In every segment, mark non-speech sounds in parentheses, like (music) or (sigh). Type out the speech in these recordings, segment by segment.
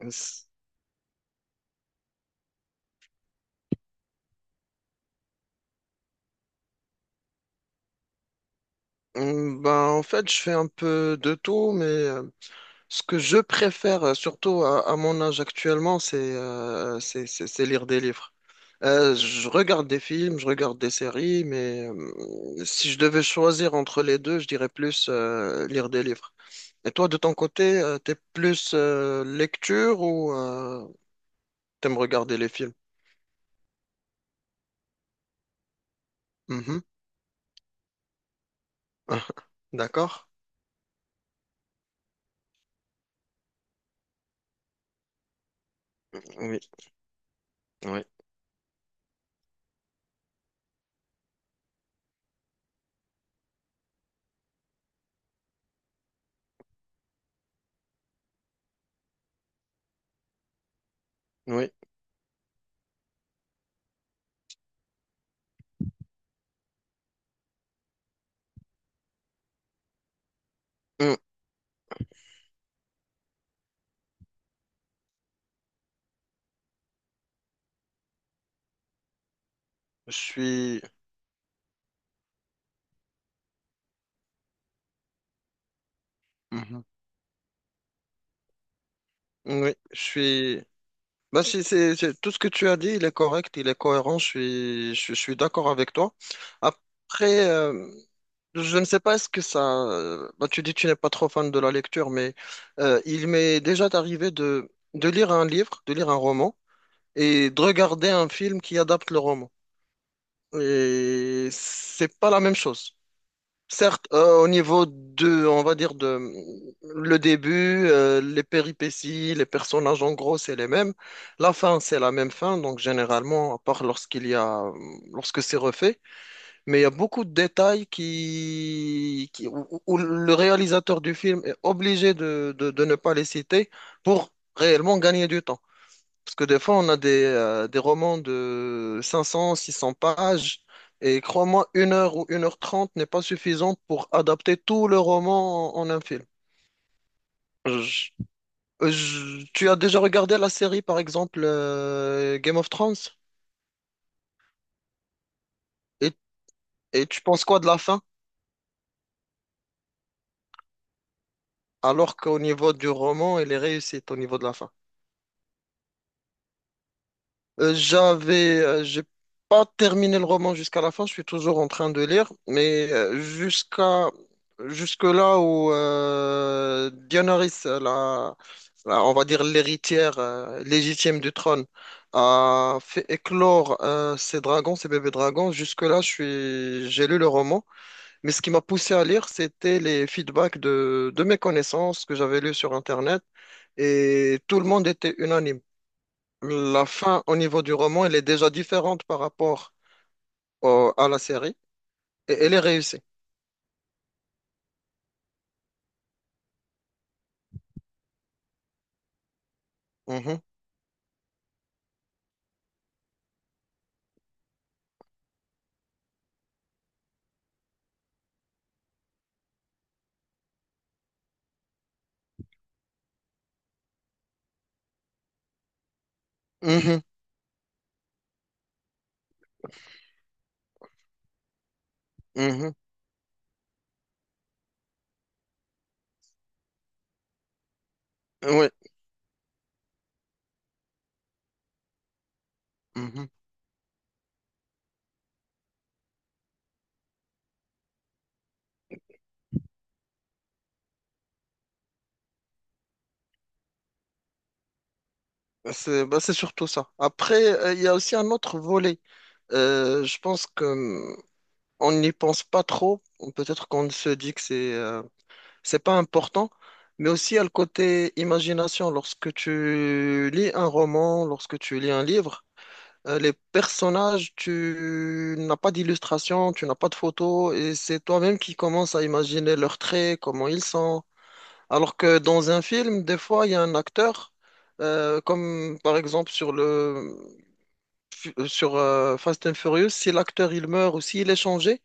S- Hmm, Ben, En fait, je fais un peu de tout, mais ce que je préfère, surtout à mon âge actuellement, c'est c'est lire des livres. Je regarde des films, je regarde des séries, mais si je devais choisir entre les deux, je dirais plus lire des livres. Et toi, de ton côté, t'es plus lecture ou t'aimes regarder les films? Mhm. (laughs) D'accord? Oui, oui, oui. Hmm. Je suis... Oui, je suis. Tout ce que tu as dit, il est correct, il est cohérent, je, suis d'accord avec toi. Après, je ne sais pas est-ce que tu dis que tu n'es pas trop fan de la lecture, mais il m'est déjà arrivé de lire un livre, de lire un roman, et de regarder un film qui adapte le roman. Et c'est pas la même chose. Certes, au niveau de, on va dire de le début, les péripéties, les personnages, en gros, c'est les mêmes. La fin, c'est la même fin, donc généralement, à part lorsque c'est refait, mais il y a beaucoup de détails où le réalisateur du film est obligé de ne pas les citer pour réellement gagner du temps. Parce que des fois, on a des romans de 500, 600 pages, et crois-moi, une heure ou une heure trente n'est pas suffisante pour adapter tout le roman en un film. Je- Tu as déjà regardé la série, par exemple, Game of Thrones, et, et tu penses quoi de la fin? Alors qu'au niveau du roman, elle est réussie au niveau de la fin. J'ai pas terminé le roman jusqu'à la fin, je suis toujours en train de lire, mais jusqu'à jusque là où Daenerys, on va dire l'héritière légitime du trône, a fait éclore ses dragons, ses bébés dragons. Jusque là, j'ai lu le roman, mais ce qui m'a poussé à lire, c'était les feedbacks de mes connaissances que j'avais lues sur Internet, et tout le monde était unanime. La fin au niveau du roman, elle est déjà différente par rapport à la série et elle est réussie. Mhm. Mhm. Mhm. Oui. Mhm. C'est surtout ça. Après, il y a aussi un autre volet. Je pense que on n'y pense pas trop. Peut-être qu'on se dit que c'est pas important, mais aussi il y a le côté imagination. Lorsque tu lis un roman, lorsque tu lis un livre, les personnages, tu n'as pas d'illustration, tu n'as pas de photos, et c'est toi-même qui commences à imaginer leurs traits, comment ils sont. Alors que dans un film, des fois, il y a un acteur, comme par exemple sur Fast and Furious, si l'acteur il meurt ou s'il est changé,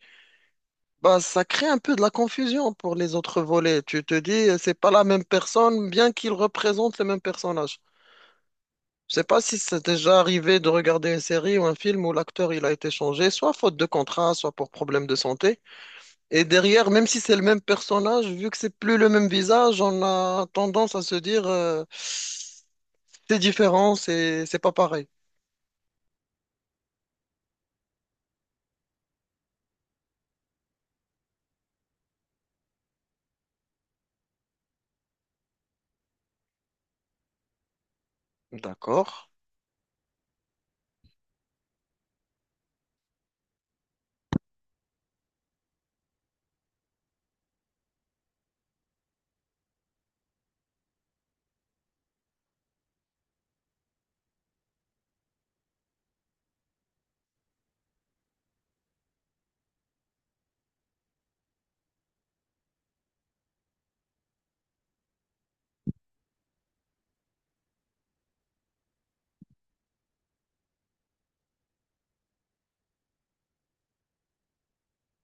bah ça crée un peu de la confusion pour les autres volets. Tu te dis, c'est pas la même personne, bien qu'il représente le même personnage. Je sais pas si c'est déjà arrivé de regarder une série ou un film où l'acteur il a été changé, soit faute de contrat, soit pour problème de santé. Et derrière, même si c'est le même personnage, vu que c'est plus le même visage, on a tendance à se dire c'est différent, c'est pas pareil. D'accord.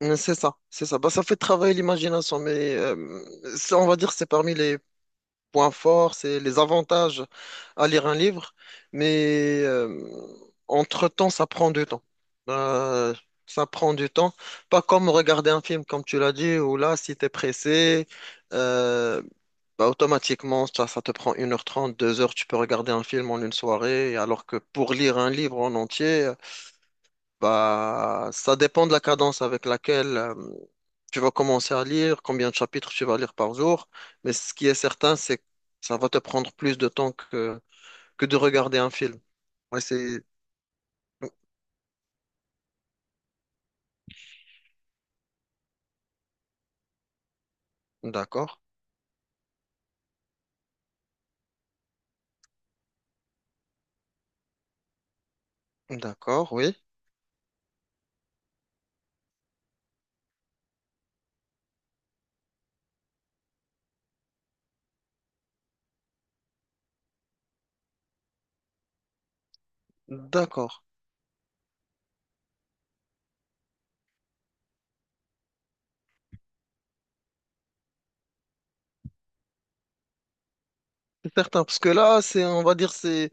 C'est ça, c'est ça. Bah, ça fait travailler l'imagination, mais ça, on va dire que c'est parmi les points forts, c'est les avantages à lire un livre, mais entre-temps, ça prend du temps. Euh, ça prend du temps. Pas comme regarder un film, comme tu l'as dit, où là, si tu es pressé, euh, bah, automatiquement, ça te prend une heure trente, deux heures. Tu peux regarder un film en une soirée, alors que pour lire un livre en entier, bah, ça dépend de la cadence avec laquelle tu vas commencer à lire, combien de chapitres tu vas lire par jour, mais ce qui est certain, c'est que ça va te prendre plus de temps que de regarder un film. Ouais, c'est... D'accord, d'accord, oui, d'accord. C'est certain, parce que là, c'est, on va dire, c'est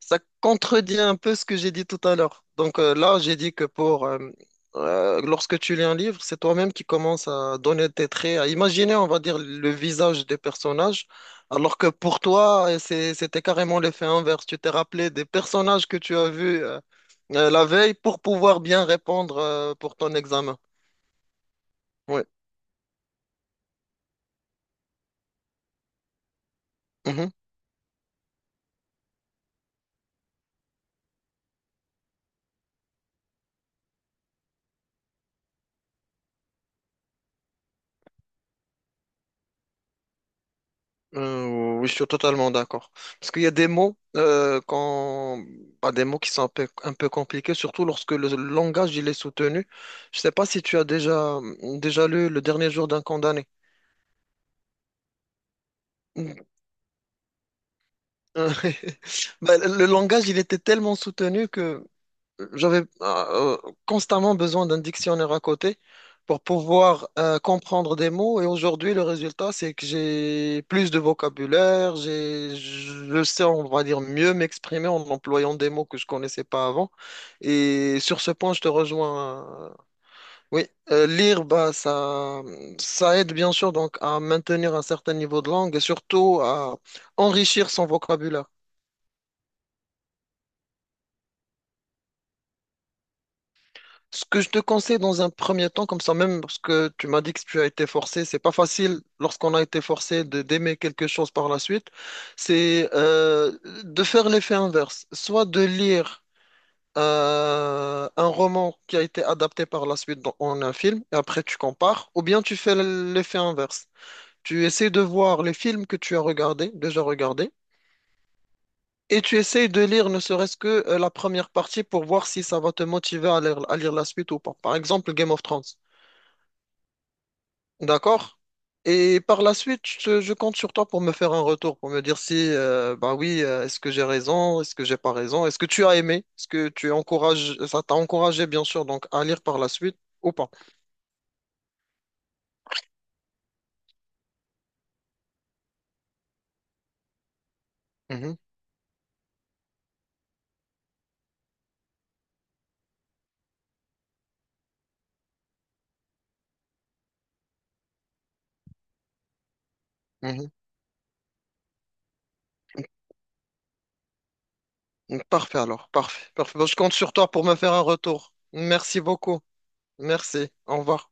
Ça contredit un peu ce que j'ai dit tout à l'heure. Donc là, j'ai dit que pour lorsque tu lis un livre, c'est toi-même qui commences à donner tes traits, à imaginer, on va dire, le visage des personnages, alors que pour toi, c'était carrément l'effet inverse. Tu t'es rappelé des personnages que tu as vus la veille pour pouvoir bien répondre pour ton examen. Oui. Euh, oui, je suis totalement d'accord. Parce qu'il y a des mots, des mots qui sont un peu compliqués, surtout lorsque le langage il est soutenu. Je ne sais pas si tu as déjà lu Le dernier jour d'un condamné. (laughs) Bah, le langage, il était tellement soutenu que j'avais constamment besoin d'un dictionnaire à côté pour pouvoir comprendre des mots. Et aujourd'hui, le résultat, c'est que j'ai plus de vocabulaire, je sais, on va dire, mieux m'exprimer en employant des mots que je connaissais pas avant. Et sur ce point, je te rejoins. Oui, lire, ça aide bien sûr donc à maintenir un certain niveau de langue et surtout à enrichir son vocabulaire. Ce que je te conseille dans un premier temps, comme ça même, parce que tu m'as dit que tu as été forcé, c'est pas facile lorsqu'on a été forcé de d'aimer quelque chose par la suite, c'est de faire l'effet inverse, soit de lire un roman qui a été adapté par la suite en un film, et après tu compares, ou bien tu fais l'effet inverse. Tu essaies de voir les films que tu as déjà regardés, et tu essayes de lire ne serait-ce que la première partie pour voir si ça va te motiver à lire la suite ou pas. Par exemple, Game of Thrones. D'accord. Et par la suite, je compte sur toi pour me faire un retour, pour me dire si, bah oui, est-ce que j'ai raison, est-ce que j'ai pas raison, est-ce que tu as aimé, est-ce que tu encourages, ça t'a encouragé, bien sûr, donc à lire par la suite ou pas. Mhm, mhm. Donc, parfait. Bon, je compte sur toi pour me faire un retour. Merci beaucoup. Merci. Au revoir.